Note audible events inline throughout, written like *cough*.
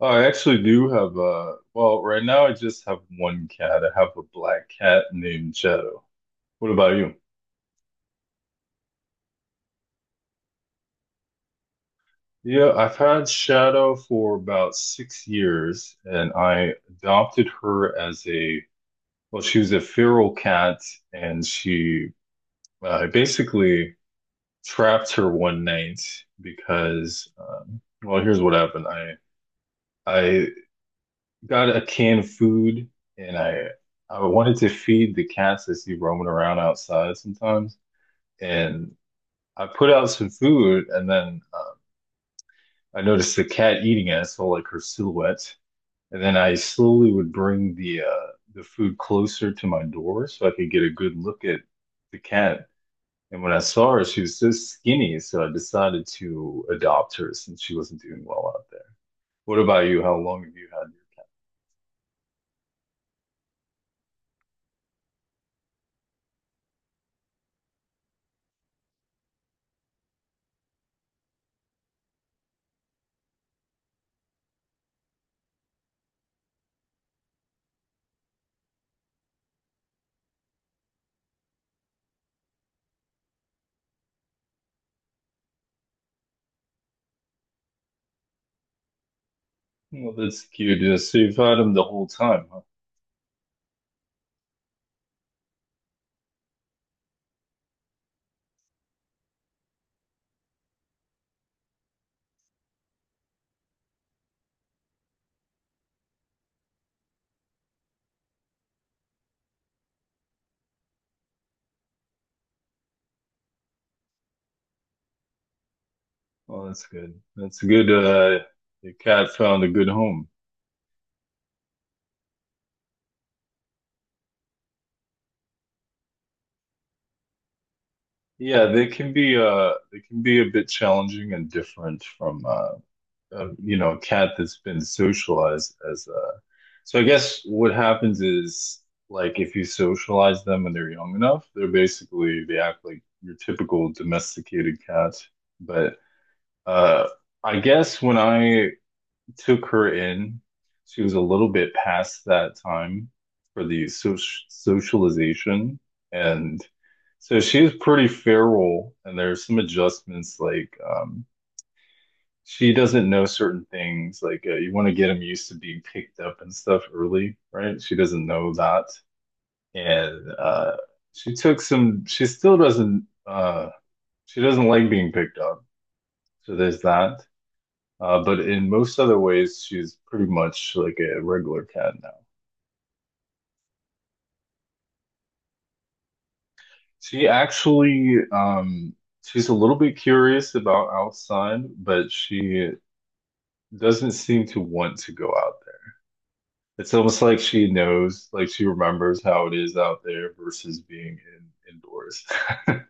I actually do have well, right now I just have one cat. I have a black cat named Shadow. What about you? Yeah, I've had Shadow for about 6 years, and I adopted her as a, well, she was a feral cat, and she, I basically trapped her one night because, well, here's what happened. I got a can of food and I wanted to feed the cats I see roaming around outside sometimes. And I put out some food, and then I noticed the cat eating it. I saw like her silhouette. And then I slowly would bring the food closer to my door so I could get a good look at the cat. And when I saw her, she was so skinny, so I decided to adopt her since she wasn't doing well out there. What about you? How long have you had your well, that's cute. Yeah, so you've had him the whole time, huh? Oh, that's good. That's good. The cat found a good home. Yeah, they can be a bit challenging and different from a cat that's been socialized as. So I guess what happens is, like if you socialize them and they're young enough, they're basically they act like your typical domesticated cat. But uh, I guess when I took her in. She was a little bit past that time for the socialization. And so she was pretty feral, and there's some adjustments, like she doesn't know certain things. Like you want to get them used to being picked up and stuff early, right? She doesn't know that. And she took some, she still doesn't, she doesn't like being picked up. So there's that. But in most other ways, she's pretty much like a regular cat now. She actually, she's a little bit curious about outside, but she doesn't seem to want to go out there. It's almost like she knows, like she remembers how it is out there versus being in indoors. *laughs*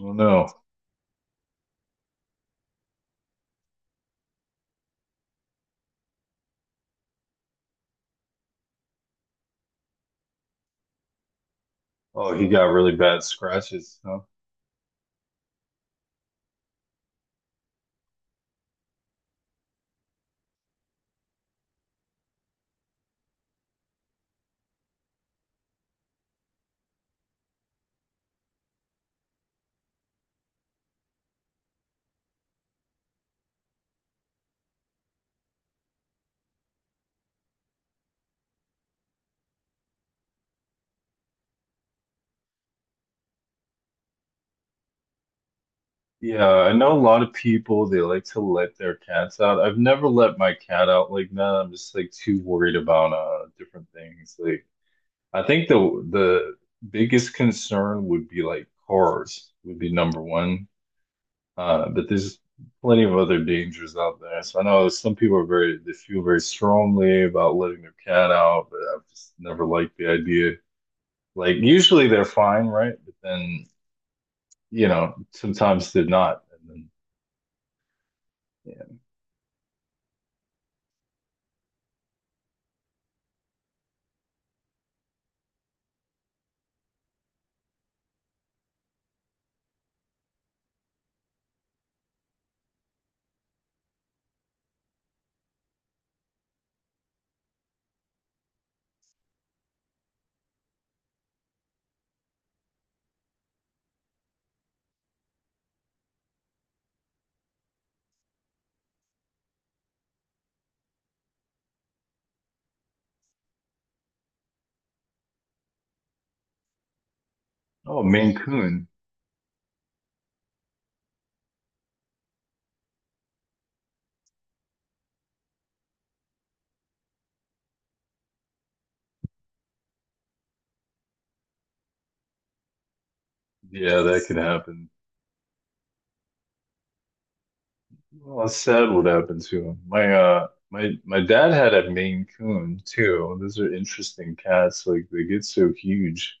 Oh no. Oh, he got really bad scratches, huh? Yeah, I know a lot of people, they like to let their cats out. I've never let my cat out like that. I'm just like too worried about different things. Like I think the biggest concern would be, like, cars would be #1. But there's plenty of other dangers out there. So I know some people are very, they feel very strongly about letting their cat out, but I've just never liked the idea. Like usually they're fine, right? But then, sometimes they're not. And then yeah. Oh, Maine Coon. Yeah, that could happen. Well, that's sad would happen to him. My my dad had a Maine Coon too. Those are interesting cats. Like they get so huge.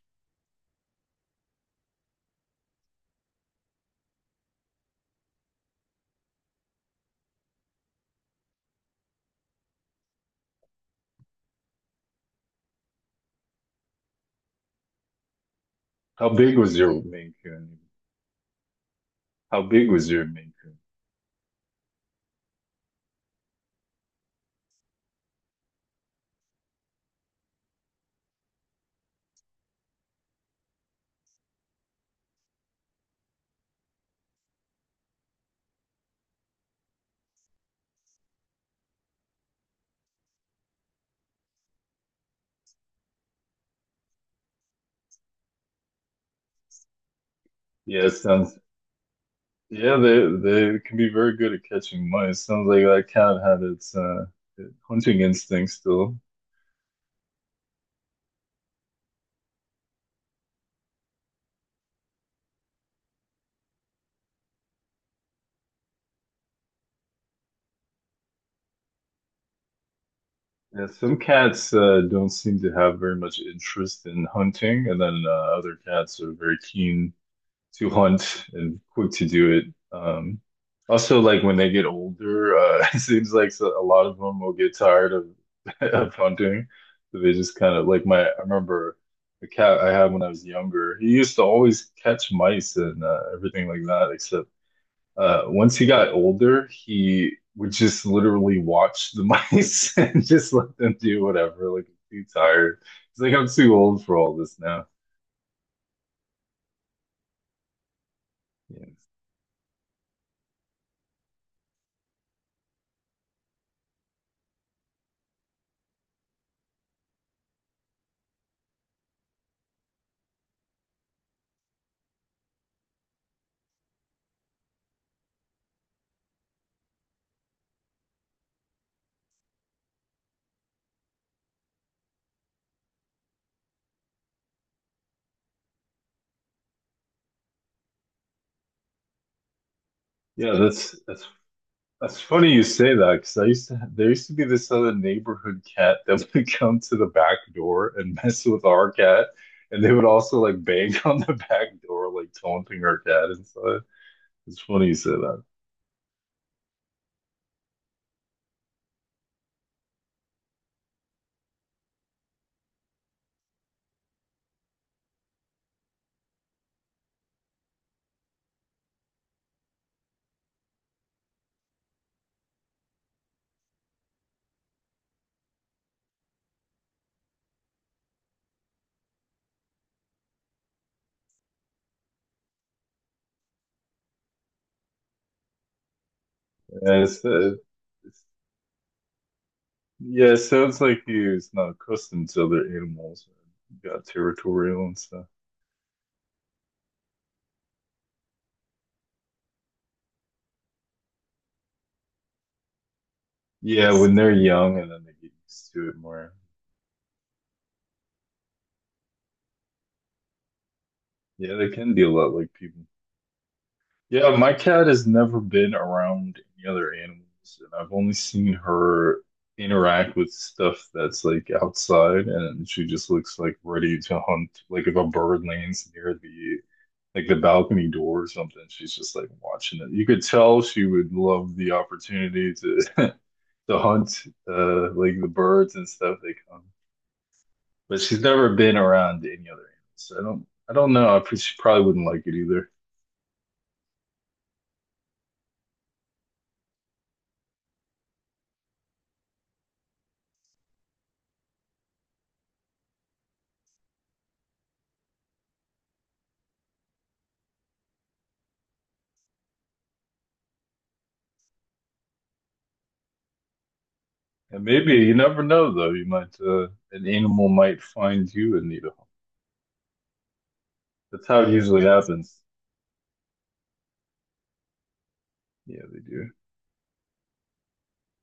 How big was your Maine Coon? How big was your Maine Coon? Yeah, it they can be very good at catching mice. Sounds like that cat had its hunting instinct still. Yeah, some cats don't seem to have very much interest in hunting, and then other cats are very keen to hunt and quick to do it. Um, also, like when they get older, *laughs* it seems like a lot of them will get tired of *laughs* of hunting. So they just kind of like my. I remember the cat I had when I was younger. He used to always catch mice and everything like that. Except once he got older, he would just literally watch the *laughs* mice and just let them do whatever. Like he's too tired. He's like, I'm too old for all this now. Yeah. Yeah, that's funny you say that because I used to there used to be this other neighborhood cat that *laughs* would come to the back door and mess with our cat, and they would also like bang *laughs* on the back door, like taunting our cat inside. It's funny you say that. Yeah, it's, it's- yeah, it sounds like you it's not accustomed to other animals. You got territorial and stuff. Yeah, when they're young, and then they get used to it more. Yeah, they can be a lot like people. Yeah, my cat has never been around any other animals, and I've only seen her interact with stuff that's like outside, and she just looks like ready to hunt. Like if a bird lands near the like the balcony door or something, she's just like watching it. You could tell she would love the opportunity to *laughs* to hunt like the birds and stuff they come. But she's never been around any other animals. So I don't know. She probably wouldn't like it either. And maybe, you never know, though. You might, an animal might find you and need a home. That's how it usually happens. Yeah, they do.